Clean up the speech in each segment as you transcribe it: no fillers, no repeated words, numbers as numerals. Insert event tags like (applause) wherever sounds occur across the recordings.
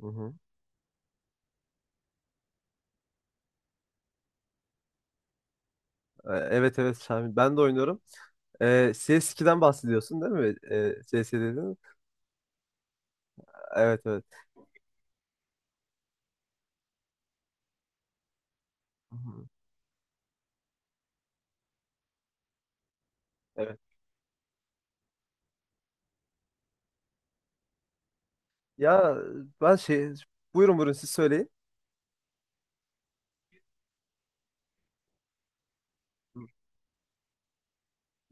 Hı hı. Evet evet Şamil. Ben de oynuyorum. E, CS2'den bahsediyorsun değil mi? CS dedin. Evet evet. Hı hı. Evet. Ya ben şey... Buyurun buyurun, siz söyleyin.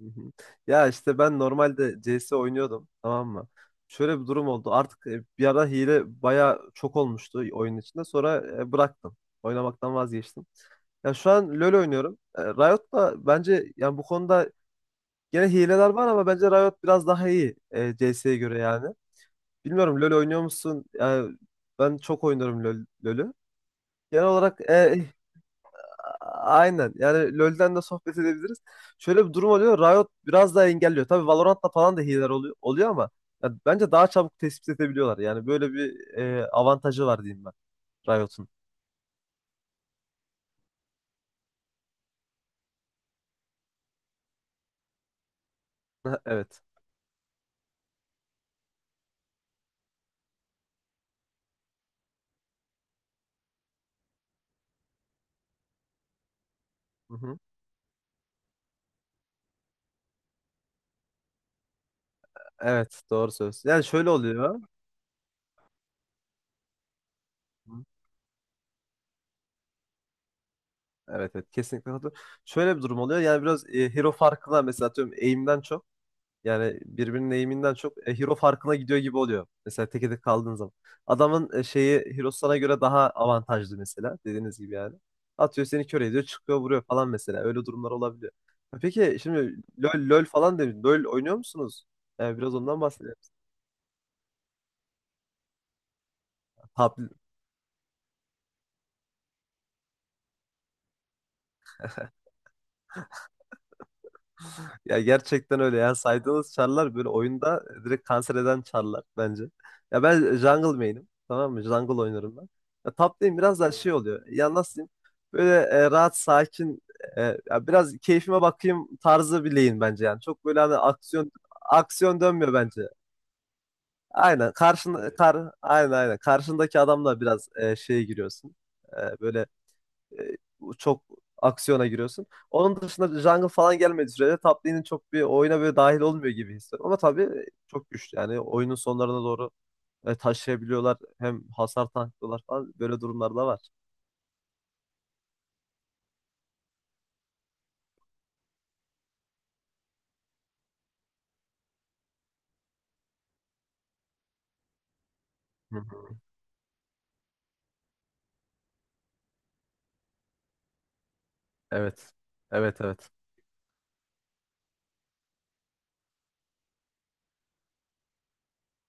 Hı hı. Ya işte ben normalde CS oynuyordum, tamam mı? Şöyle bir durum oldu. Artık bir ara hile baya çok olmuştu oyun içinde. Sonra bıraktım. Oynamaktan vazgeçtim. Ya şu an LoL oynuyorum. Riot da bence yani bu konuda gene hileler var, ama bence Riot biraz daha iyi CS'ye göre yani. Bilmiyorum, LoL oynuyor musun? Yani ben çok oynarım LoL, LoL'ü. Genel olarak aynen. Yani LoL'den de sohbet edebiliriz. Şöyle bir durum oluyor. Riot biraz daha engelliyor. Tabii Valorant'ta falan da hileler oluyor, oluyor, ama ya bence daha çabuk tespit edebiliyorlar. Yani böyle bir avantajı var diyeyim ben Riot'un. (laughs) Ha, evet. Hı hı. Evet, doğru söylüyorsun. Yani şöyle oluyor. Hı. Evet evet, kesinlikle katılıyorum. Şöyle bir durum oluyor. Yani biraz hero farkı, mesela atıyorum aim'den çok. Yani birbirinin eğiminden çok hero farkına gidiyor gibi oluyor. Mesela teke tek kaldığın zaman. Adamın şeyi, hero sana göre daha avantajlı mesela, dediğiniz gibi yani. Atıyor, seni kör ediyor, çıkıyor, vuruyor falan mesela. Öyle durumlar olabiliyor. Ha, peki, şimdi LoL, LoL falan demiş. LoL oynuyor musunuz? Yani biraz ondan bahsedelim. Tab Ya gerçekten öyle ya. Saydığınız çarlar böyle oyunda direkt kanser eden çarlar bence. Ya ben jungle main'im. Tamam mı? Jungle oynarım ben. Ya top lane biraz daha şey oluyor. Ya nasıl diyeyim? Böyle rahat, sakin, ya biraz keyfime bakayım tarzı bir lane bence yani. Çok böyle hani aksiyon aksiyon dönmüyor bence. Aynen. Karşın kar Aynen, aynen. Karşındaki adamla biraz şeye giriyorsun. Böyle çok aksiyona giriyorsun. Onun dışında jungle falan gelmediği sürece top lane'in çok bir oyuna böyle dahil olmuyor gibi hissediyorum. Ama tabii çok güçlü yani oyunun sonlarına doğru taşıyabiliyorlar. Hem hasar tanklıyorlar falan, böyle durumlar da var. Hı hı. Evet. Evet evet.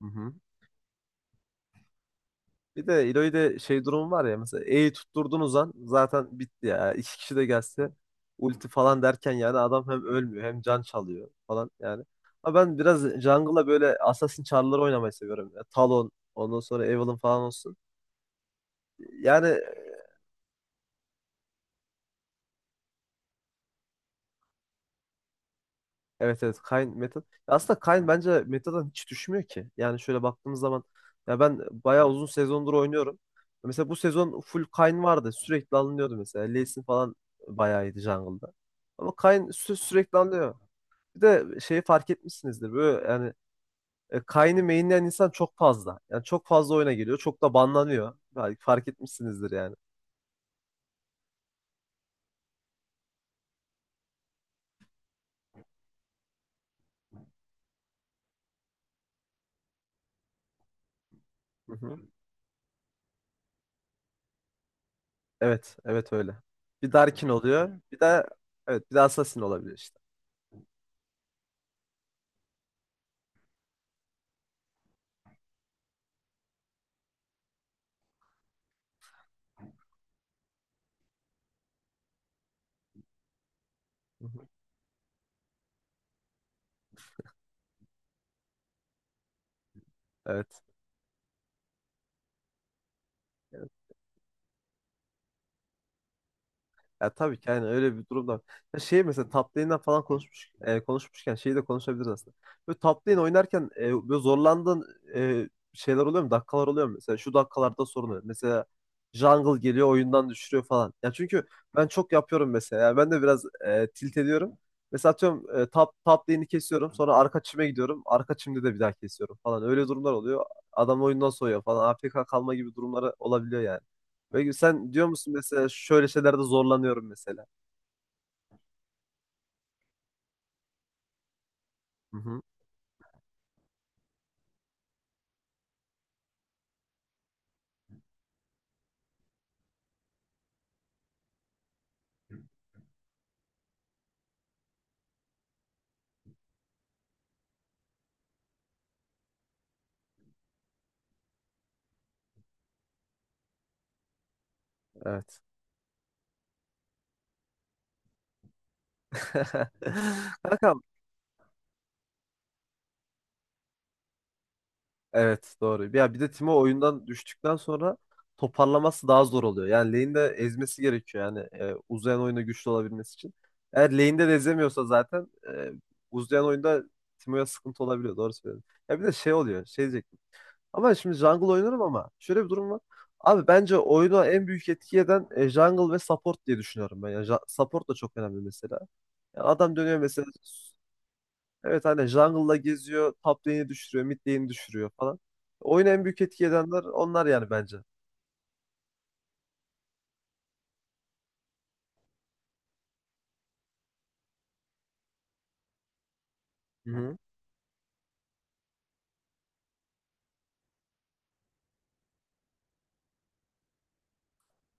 Hı hı. Bir de İloy'de şey durum var ya, mesela E'yi tutturdunuz an zaten bitti ya. İki kişi de gelse ulti falan derken yani adam hem ölmüyor hem can çalıyor falan yani. Ama ben biraz jungle'a böyle Assassin çarları oynamayı seviyorum. Ya. Talon, ondan sonra Evelynn falan olsun. Yani evet evet, Kayn meta. Aslında Kayn bence meta'dan hiç düşmüyor ki. Yani şöyle baktığımız zaman ya ben bayağı uzun sezondur oynuyorum. Mesela bu sezon full Kayn vardı. Sürekli alınıyordu mesela. Lee Sin falan bayağı iyiydi jungle'da. Ama Kayn sürekli alınıyor. Bir de şeyi fark etmişsinizdir. Böyle yani Kayn'i mainleyen insan çok fazla. Yani çok fazla oyuna geliyor. Çok da banlanıyor. Belki fark etmişsinizdir yani. Evet, evet öyle. Bir Darkin oluyor. Bir de, evet, bir de Assassin olabilir işte. Evet. Ya tabii ki yani öyle bir durumda var. Ya şey, mesela top lane'den falan konuşmuşken şeyi de konuşabiliriz aslında. Böyle top lane oynarken böyle zorlandığın şeyler oluyor mu? Dakikalar oluyor mu? Mesela şu dakikalarda sorun oluyor. Mesela jungle geliyor, oyundan düşürüyor falan. Ya çünkü ben çok yapıyorum mesela. Yani ben de biraz tilt ediyorum. Mesela atıyorum top lane'i kesiyorum. Sonra arka çime gidiyorum. Arka çimde de bir daha kesiyorum falan. Öyle durumlar oluyor. Adam oyundan soğuyor falan. AFK kalma gibi durumları olabiliyor yani. Peki sen diyor musun mesela, şöyle şeylerde zorlanıyorum mesela? Hı hı, evet. (laughs) Kankam, evet, doğru. Ya bir de Timo oyundan düştükten sonra toparlaması daha zor oluyor. Yani lane'de ezmesi gerekiyor yani uzayan oyunda güçlü olabilmesi için. Eğer lane'de de ezemiyorsa zaten e, uzayan oyunda Timo'ya sıkıntı olabiliyor. Doğru söylüyorsun. Ya bir de şey oluyor. Şey diyecektim. Ama şimdi jungle oynarım ama şöyle bir durum var. Abi bence oyuna en büyük etki eden jungle ve support diye düşünüyorum ben. Yani support da çok önemli mesela. Yani adam dönüyor mesela, evet, hani jungle'la geziyor, top lane'i düşürüyor, mid lane'i düşürüyor falan. Oyuna en büyük etki edenler onlar yani bence. Hı-hı.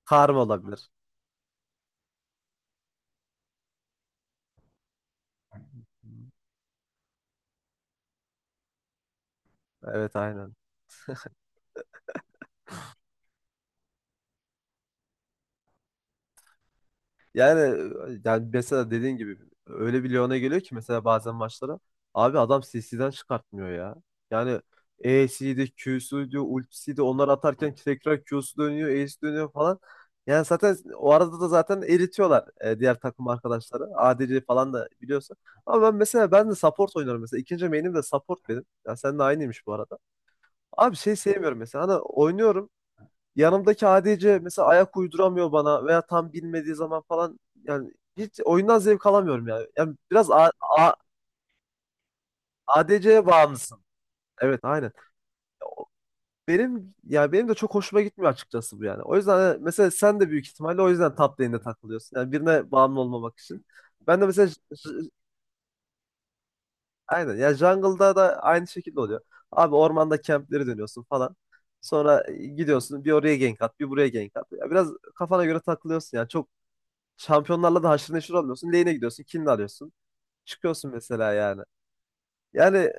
Karma olabilir. Hı. Evet aynen. Yani yani mesela dediğin gibi, öyle bir Lyon'a geliyor ki mesela bazen maçlara, abi adam CC'den çıkartmıyor ya. Yani E'siydi, Q'suydu, ultisiydi onlar atarken tekrar Q'su dönüyor, E'si dönüyor falan. Yani zaten o arada da zaten eritiyorlar diğer takım arkadaşları. ADC falan da biliyorsun. Ama ben mesela, ben de support oynarım mesela. İkinci main'im de support benim. Ya sen de aynıymış bu arada. Abi şey sevmiyorum mesela. Hani oynuyorum. Yanımdaki ADC mesela ayak uyduramıyor bana veya tam bilmediği zaman falan, yani hiç oyundan zevk alamıyorum yani. Yani biraz ADC'ye bağımlısın. Evet aynen. Benim ya, benim de çok hoşuma gitmiyor açıkçası bu yani. O yüzden hani mesela sen de büyük ihtimalle o yüzden top lane'de takılıyorsun. Yani birine bağımlı olmamak için. Ben de mesela aynen, ya jungle'da da aynı şekilde oluyor. Abi ormanda campleri dönüyorsun falan. Sonra gidiyorsun bir oraya gank at, bir buraya gank at. Ya biraz kafana göre takılıyorsun yani. Çok şampiyonlarla da haşır neşir olmuyorsun. Lane'e gidiyorsun. Kill'ini alıyorsun. Çıkıyorsun mesela yani. Yani.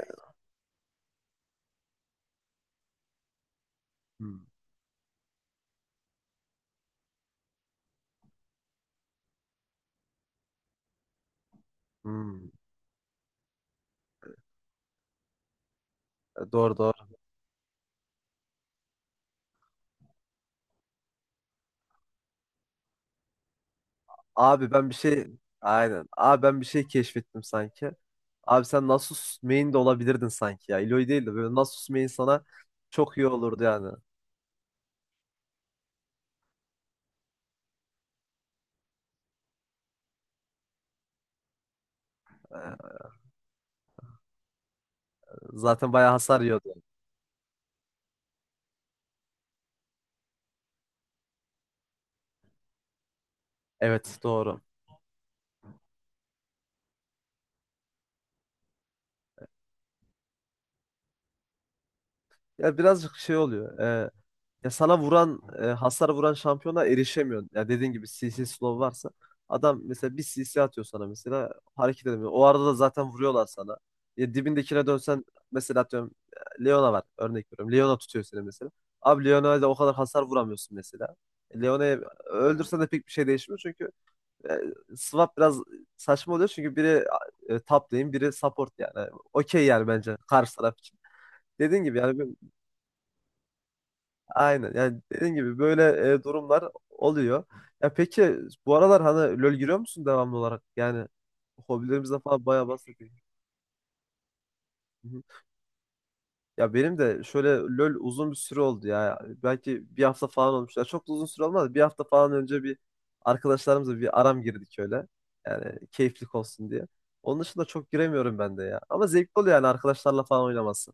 Hmm, hmm. Doğru doğru. Abi ben bir şey, aynen. Abi ben bir şey keşfettim sanki. Abi sen Nasus main de olabilirdin sanki ya. Illaoi değil de böyle Nasus main sana çok iyi olurdu yani. E, Zaten bayağı hasar yiyordu. Evet doğru. Ya birazcık şey oluyor. Ya sana vuran, hasar vuran şampiyona erişemiyorsun. Ya dediğin gibi CC slow varsa, adam mesela bir CC atıyor sana, mesela hareket edemiyor. O arada da zaten vuruyorlar sana. Ya dibindekine dönsen, mesela atıyorum Leona var, örnek veriyorum. Leona tutuyor seni mesela. Abi Leona'ya da o kadar hasar vuramıyorsun mesela. Leona'yı öldürsen de pek bir şey değişmiyor çünkü e, swap biraz saçma oluyor, çünkü biri top lane, biri support yani. Okey, yani bence karşı taraf için. Dediğin gibi yani. Aynen. Yani dediğin gibi böyle durumlar oluyor. Ya peki, bu aralar hani LoL giriyor musun devamlı olarak? Yani hobilerimizden falan bayağı bahsedeyim. Ya benim de şöyle LoL uzun bir süre oldu ya. Belki bir hafta falan olmuş. Ya çok da uzun süre olmadı. Bir hafta falan önce bir arkadaşlarımızla bir aram girdik öyle. Yani keyiflik olsun diye. Onun dışında çok giremiyorum ben de ya. Ama zevkli oluyor yani arkadaşlarla falan oynaması.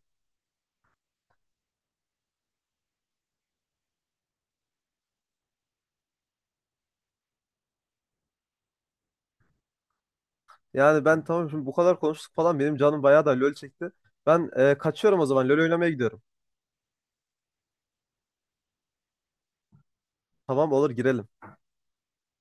Yani ben tamam, şimdi bu kadar konuştuk falan, benim canım bayağı da LoL çekti. Ben kaçıyorum o zaman. LoL oynamaya gidiyorum. Tamam, olur, girelim.